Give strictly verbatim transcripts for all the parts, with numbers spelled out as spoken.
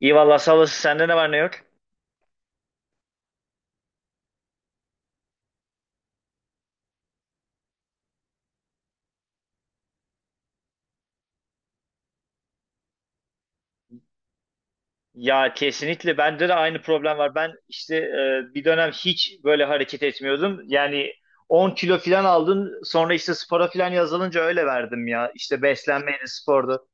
İyi valla sağolasın. Sende ne var ne yok? Ya kesinlikle bende de aynı problem var. Ben işte e, bir dönem hiç böyle hareket etmiyordum. Yani on kilo falan aldım. Sonra işte spora falan yazılınca öyle verdim ya. İşte beslenmeydi, spordu.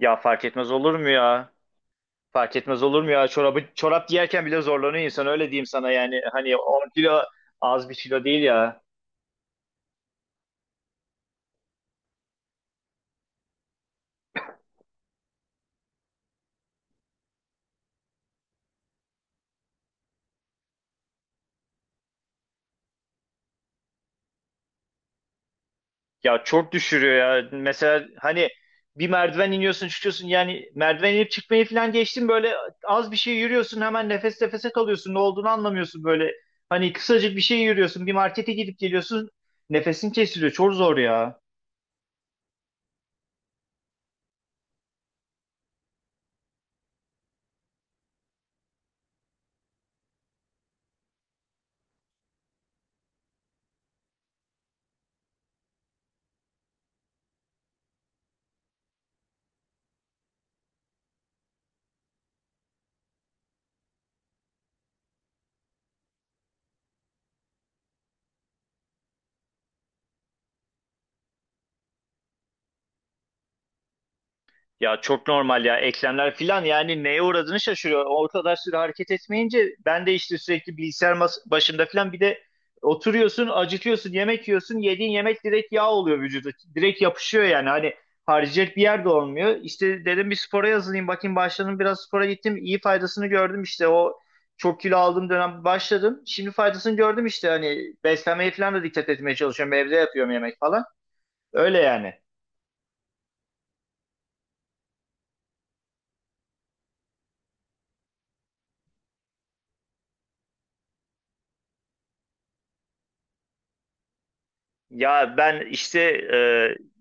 Ya fark etmez olur mu ya? Fark etmez olur mu ya? Çorabı, çorap giyerken bile zorlanıyor insan öyle diyeyim sana yani. Hani on kilo az bir kilo değil ya. Ya çok düşürüyor ya. Mesela hani bir merdiven iniyorsun çıkıyorsun yani merdiven inip çıkmayı falan geçtim böyle az bir şey yürüyorsun hemen nefes nefese kalıyorsun ne olduğunu anlamıyorsun böyle. Hani kısacık bir şey yürüyorsun bir markete gidip geliyorsun nefesin kesiliyor çok zor ya. Ya çok normal ya eklemler filan yani neye uğradığını şaşırıyor. O kadar süre hareket etmeyince ben de işte sürekli bilgisayar mas- başında filan bir de oturuyorsun acıkıyorsun yemek yiyorsun yediğin yemek direkt yağ oluyor vücuda. Direkt yapışıyor yani hani harcayacak bir yer de olmuyor. İşte dedim bir spora yazılayım bakayım başladım biraz spora gittim iyi faydasını gördüm işte o çok kilo aldığım dönem başladım. Şimdi faydasını gördüm işte hani beslenmeye falan da dikkat etmeye çalışıyorum evde yapıyorum yemek falan öyle yani. Ya ben işte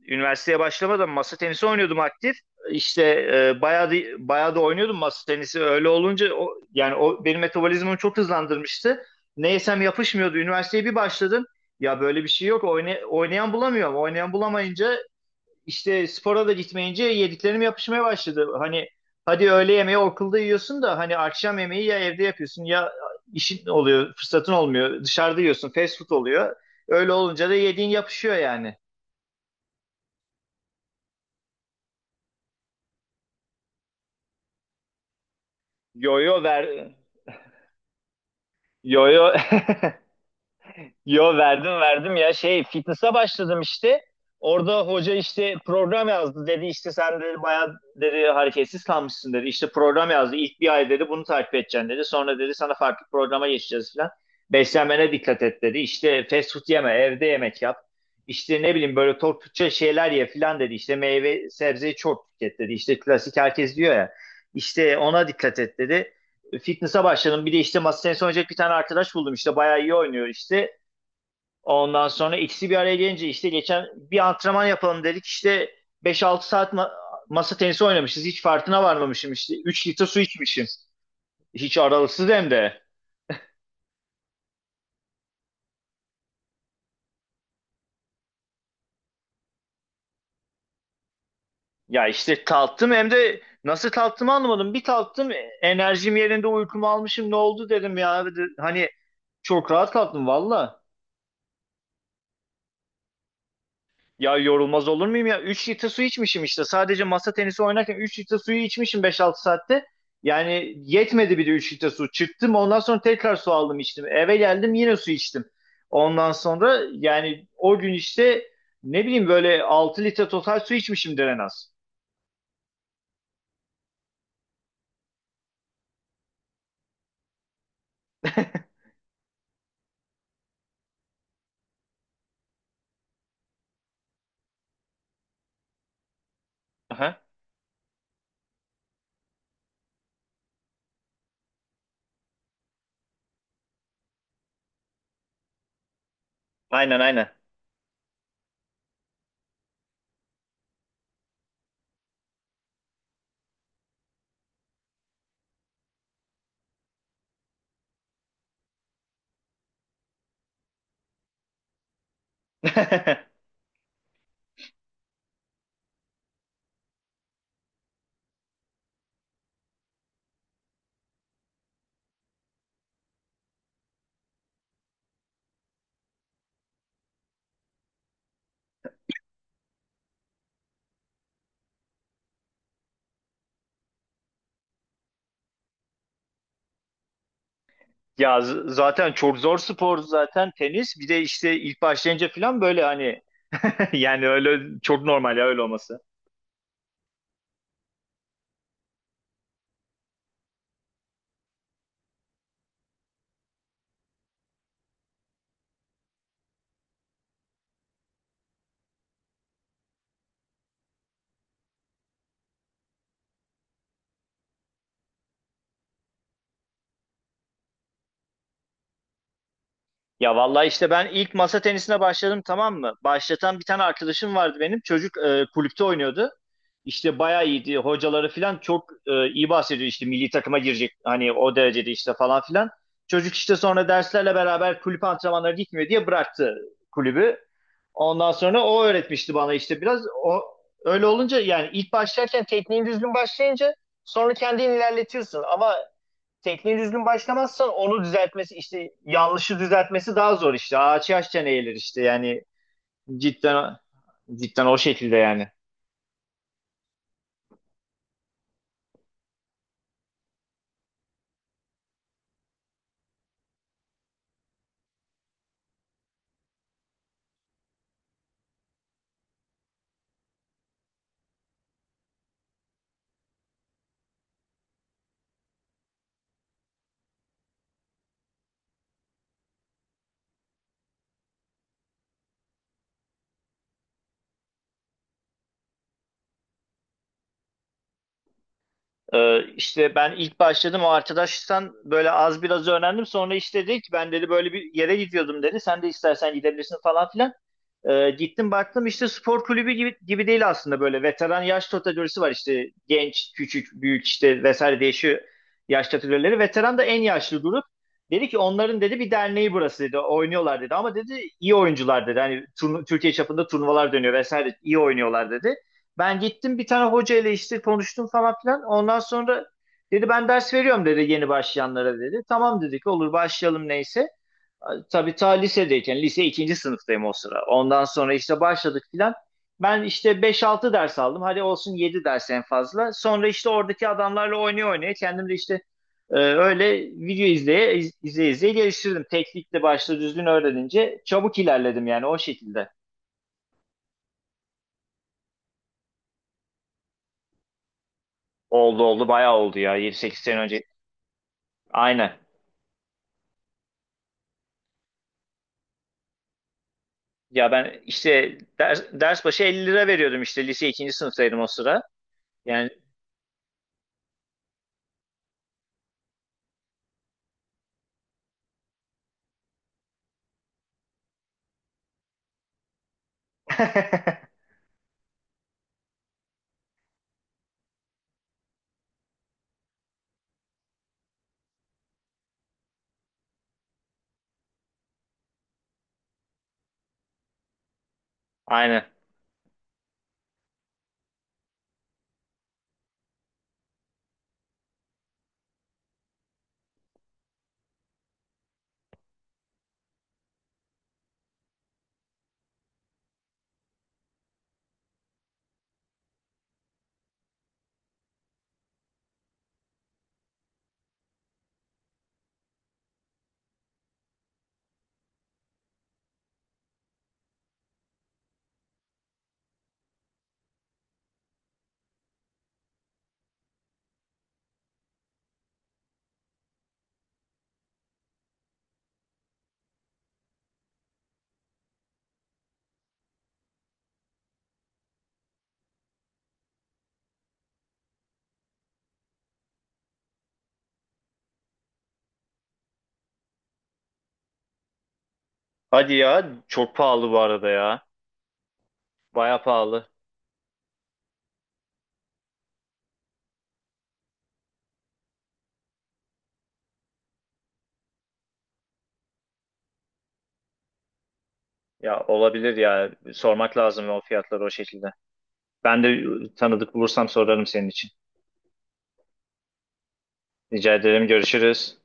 e, üniversiteye başlamadan masa tenisi oynuyordum aktif. İşte e, bayağı da, bayağı da oynuyordum masa tenisi. Öyle olunca o, yani o benim metabolizmamı çok hızlandırmıştı. Ne yesem yapışmıyordu. Üniversiteye bir başladım. Ya böyle bir şey yok. Oyna- oynayan bulamıyorum. Oynayan bulamayınca işte spora da gitmeyince yediklerim yapışmaya başladı. Hani hadi öğle yemeği okulda yiyorsun da hani akşam yemeği ya evde yapıyorsun ya işin oluyor, fırsatın olmuyor. Dışarıda yiyorsun, fast food oluyor. Öyle olunca da yediğin yapışıyor yani. Yo yo ver. Yo yo. Yo verdim verdim ya şey fitness'a başladım işte. Orada hoca işte program yazdı dedi işte sen dedi bayağı dedi hareketsiz kalmışsın dedi. İşte program yazdı ilk bir ay dedi bunu takip edeceksin dedi. Sonra dedi sana farklı programa geçeceğiz falan. Beslenmene dikkat et dedi. İşte fast food yeme evde yemek yap. İşte ne bileyim böyle tok Türkçe şeyler ye falan dedi. İşte meyve sebzeyi çok tüket dedi. İşte klasik herkes diyor ya. İşte ona dikkat et dedi fitness'a başladım. Bir de işte masa tenisi oynayacak bir tane arkadaş buldum. İşte bayağı iyi oynuyor işte. Ondan sonra ikisi bir araya gelince işte geçen bir antrenman yapalım dedik. İşte beş altı saat ma- masa tenisi oynamışız. Hiç farkına varmamışım işte. Üç litre su içmişim. Hiç aralıksız hem de. Ya işte kalktım hem de nasıl kalktığımı anlamadım. Bir kalktım e, enerjim yerinde uykumu almışım ne oldu dedim ya. Hani çok rahat kalktım valla. Ya yorulmaz olur muyum ya? Üç litre su içmişim işte. Sadece masa tenisi oynarken üç litre suyu içmişim beş altı saatte. Yani yetmedi bir de üç litre su. Çıktım ondan sonra tekrar su aldım içtim. Eve geldim yine su içtim. Ondan sonra yani o gün işte ne bileyim böyle altı litre total su içmişimdir en az. Aha. Aynen aynen. Ya z- zaten çok zor spor zaten tenis. Bir de işte ilk başlayınca falan böyle hani yani öyle çok normal ya öyle olması. Ya vallahi işte ben ilk masa tenisine başladım tamam mı? Başlatan bir tane arkadaşım vardı benim. Çocuk e, kulüpte oynuyordu. İşte bayağı iyiydi. Hocaları falan çok e, iyi bahsediyor işte milli takıma girecek. Hani o derecede işte falan filan. Çocuk işte sonra derslerle beraber kulüp antrenmanları gitmiyor diye bıraktı kulübü. Ondan sonra o öğretmişti bana işte biraz. O öyle olunca yani ilk başlarken tekniğin düzgün başlayınca sonra kendin ilerletiyorsun. Ama tekniği düzgün başlamazsan onu düzeltmesi işte yanlışı düzeltmesi daha zor işte. Ağaç yaşça eğilir işte yani cidden cidden o şekilde yani. Ee, işte ben ilk başladım o arkadaştan böyle az biraz öğrendim. Sonra işte dedi ki ben dedi böyle bir yere gidiyordum dedi. Sen de istersen gidebilirsin falan filan. Ee, gittim baktım işte spor kulübü gibi, gibi değil aslında böyle veteran yaş kategorisi var işte genç, küçük, büyük işte vesaire değişiyor yaş kategorileri. Veteran da en yaşlı grup. Dedi ki onların dedi bir derneği burası dedi oynuyorlar dedi ama dedi iyi oyuncular dedi hani turnu- Türkiye çapında turnuvalar dönüyor vesaire iyi oynuyorlar dedi. Ben gittim bir tane hoca ile işte konuştum falan filan ondan sonra dedi ben ders veriyorum dedi yeni başlayanlara dedi. Tamam dedik olur başlayalım neyse. Tabii ta lisedeyken, lise ikinci sınıftayım o sıra. Ondan sonra işte başladık filan. Ben işte beş altı ders aldım. Hadi olsun yedi ders en fazla. Sonra işte oradaki adamlarla oynaya oynaya kendim de işte e, öyle video izleye iz- izleye izleye geliştirdim. Teknikle başta düzgün öğrenince çabuk ilerledim yani o şekilde. Oldu oldu bayağı oldu ya yedi sekiz sene önce. Aynen. Ya ben işte ders, ders başı elli lira veriyordum işte lise ikinci sınıftaydım o sıra. Yani aynen. Hadi ya çok pahalı bu arada ya. Baya pahalı. Ya olabilir ya. Sormak lazım o fiyatları o şekilde. Ben de tanıdık bulursam sorarım senin için. Rica ederim. Görüşürüz.